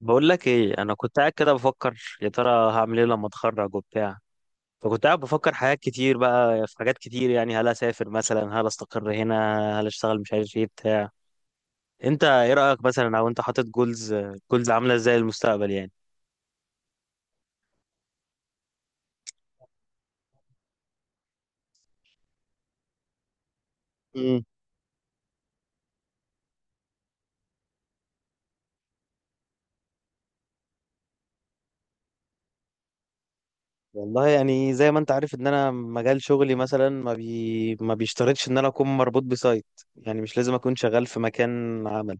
بقول لك ايه، انا كنت قاعد كده بفكر يا ترى هعمل ايه لما اتخرج وبتاع. فكنت قاعد بفكر حاجات كتير، بقى في حاجات كتير، يعني هل اسافر مثلا، هل استقر هنا، هل اشتغل، مش عارف ايه بتاع. انت ايه رايك مثلا؟ او انت حاطط جولز؟ جولز عامله ازاي للمستقبل يعني؟ امم والله، يعني زي ما انت عارف ان انا مجال شغلي مثلا ما بيشترطش ان انا اكون مربوط بسايت. يعني مش لازم اكون شغال في مكان عمل.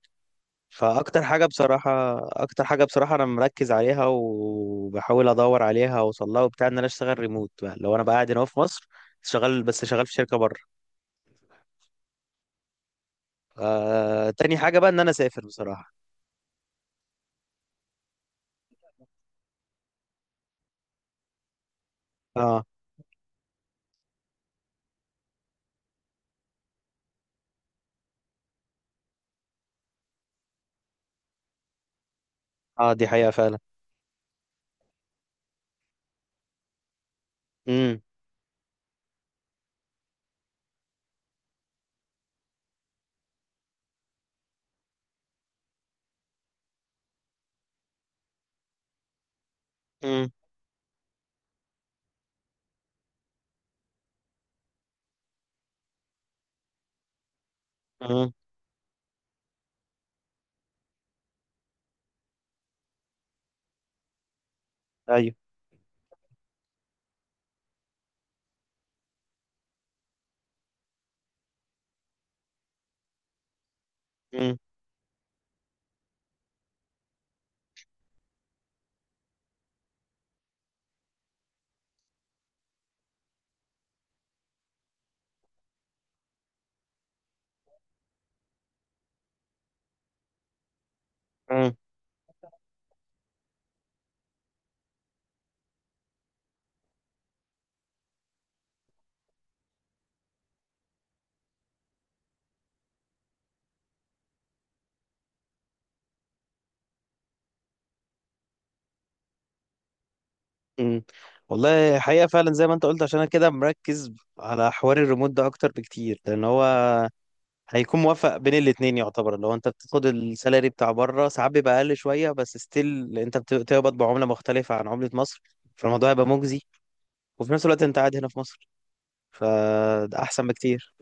فاكتر حاجه بصراحه اكتر حاجه بصراحه انا مركز عليها، وبحاول ادور عليها واوصل لها وبتاع، ان انا اشتغل ريموت، بقى لو انا بقى قاعد هنا في مصر شغال، بس شغال في شركه بره. تاني حاجه بقى ان انا اسافر بصراحه. اه. اه، دي حقيقه فعلا. امم امم امم ايوه. امم امم امم والله حقيقه فعلا زي ما انت قلت، عشان انا كده مركز على حوار الريموت ده اكتر بكتير، لان هو هيكون موافق بين الاتنين. يعتبر لو انت بتاخد السالري بتاع بره ساعات بيبقى اقل شويه، بس ستيل انت بتقبض بعمله مختلفه عن عمله مصر، فالموضوع هيبقى مجزي. وفي نفس الوقت انت قاعد هنا في مصر، فده احسن بكتير.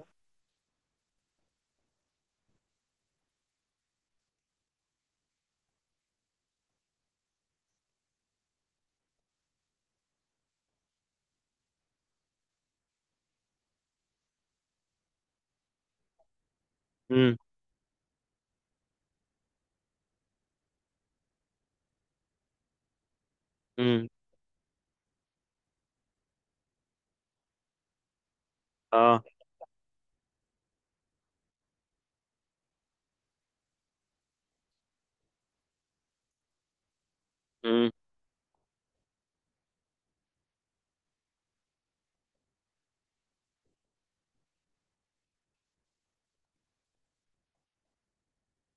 امم امم اه. امم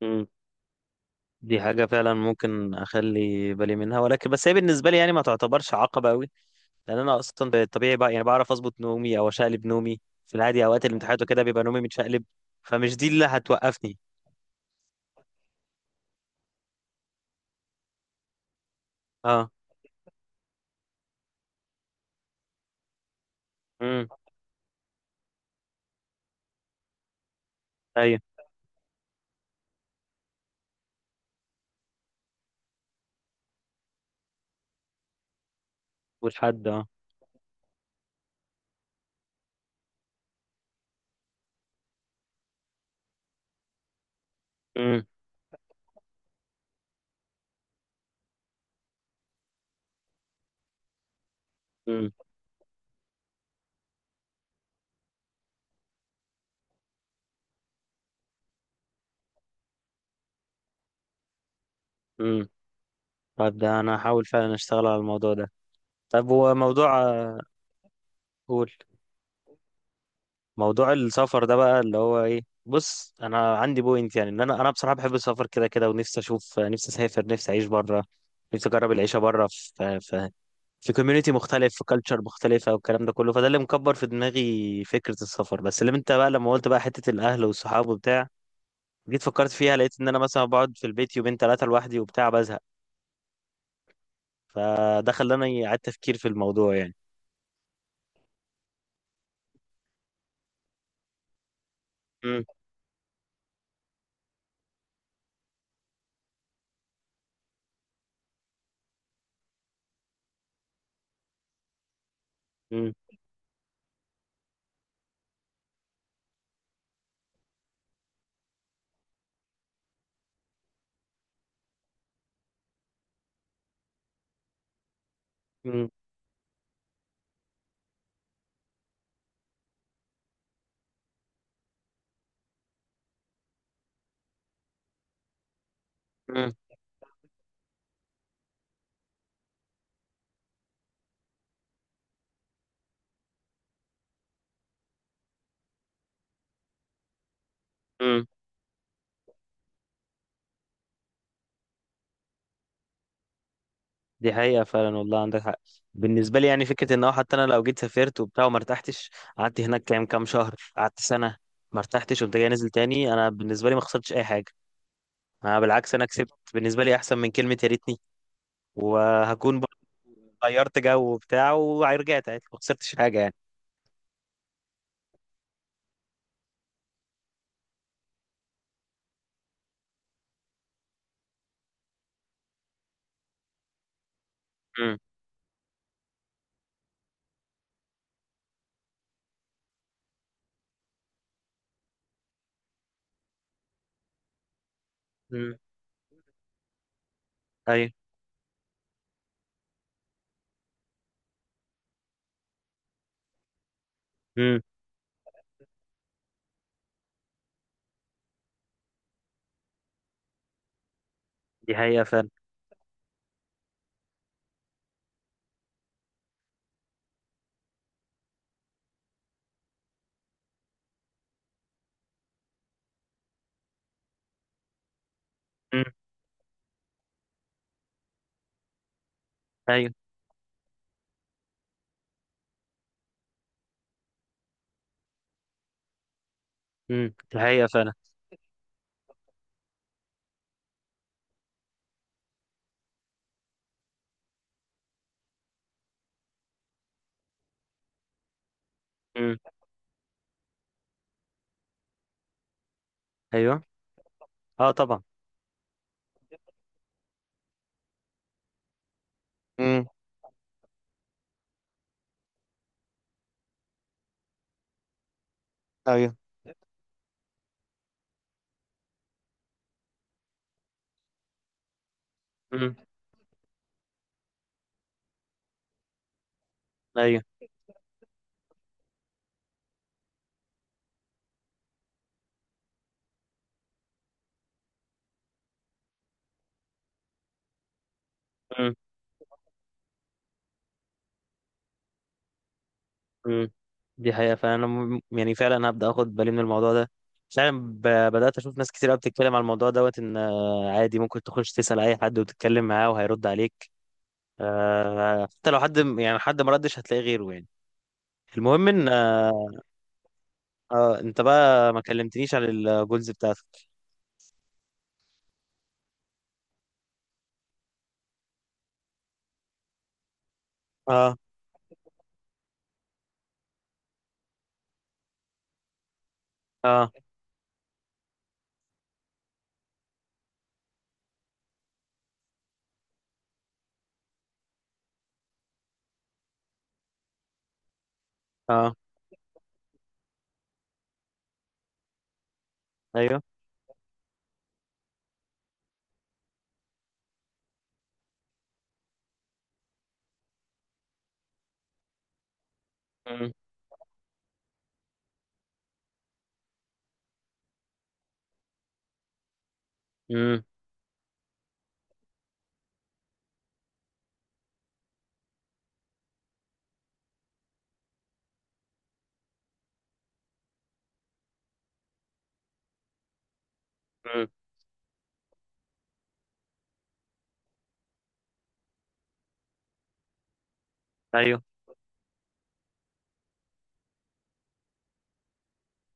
امم دي حاجة فعلا ممكن أخلي بالي منها، ولكن بس هي بالنسبة لي يعني ما تعتبرش عقبة أوي، لأن أنا أصلا بالطبيعي بقى يعني بعرف أظبط نومي أو أشقلب نومي. في العادي أوقات الامتحانات وكده بيبقى نومي متشقلب، فمش دي اللي هتوقفني. اه. امم أيوه. والحد آه. امم امم امم طب ده انا هحاول فعلا اشتغل على الموضوع ده. طب هو موضوع. قول. موضوع السفر ده بقى اللي هو ايه، بص انا عندي بوينت، يعني ان انا بصراحه بحب السفر كده كده، ونفسي اشوف نفسي اسافر، نفسي اعيش بره، نفسي اجرب العيشه بره، في كوميونتي مختلف، في كالتشر مختلفه والكلام ده كله. فده اللي مكبر في دماغي فكره السفر. بس اللي انت بقى لما قلت بقى حته الاهل والصحاب وبتاع، جيت فكرت فيها، لقيت ان انا مثلا بقعد في البيت يومين ثلاثه لوحدي وبتاع بزهق، فده خلاني اعيد تفكير في الموضوع يعني. مم. مم. مم. مم. مم. دي حقيقة فعلا، والله عندك حق. بالنسبة لي يعني فكرة ان هو حتى انا لو جيت سافرت وبتاع وما ارتحتش، قعدت هناك كام كام شهر، قعدت سنة، ما ارتحتش وانت جاي نازل تاني، انا بالنسبة لي ما خسرتش اي حاجة. انا بالعكس انا كسبت، بالنسبة لي احسن من كلمة يا ريتني. وهكون برضه غيرت جو وبتاع ورجعت عادي، ما خسرتش حاجة يعني. مم. مم. ايوه. مم. دي حقيقة فعلا. مم. ايوه. مم. دي حقيقة فعلا. مم. ايوه. اه طبعا. امم ايوه. مم. ايوه. مم. مم. دي حقيقة، فأنا يعني فعلا هبدأ أخد بالي من الموضوع ده. فعلا بدأت أشوف ناس كتير قوي بتتكلم على الموضوع دوت، إن عادي ممكن تخش تسأل أي حد وتتكلم معاه وهيرد عليك. حتى لو حد يعني حد ما ردش هتلاقي غيره يعني. المهم إن. أنت بقى ما كلمتنيش عن الجولز بتاعتك؟ اه. اه. اه. أيوه. مم. مم. مم. أيوه.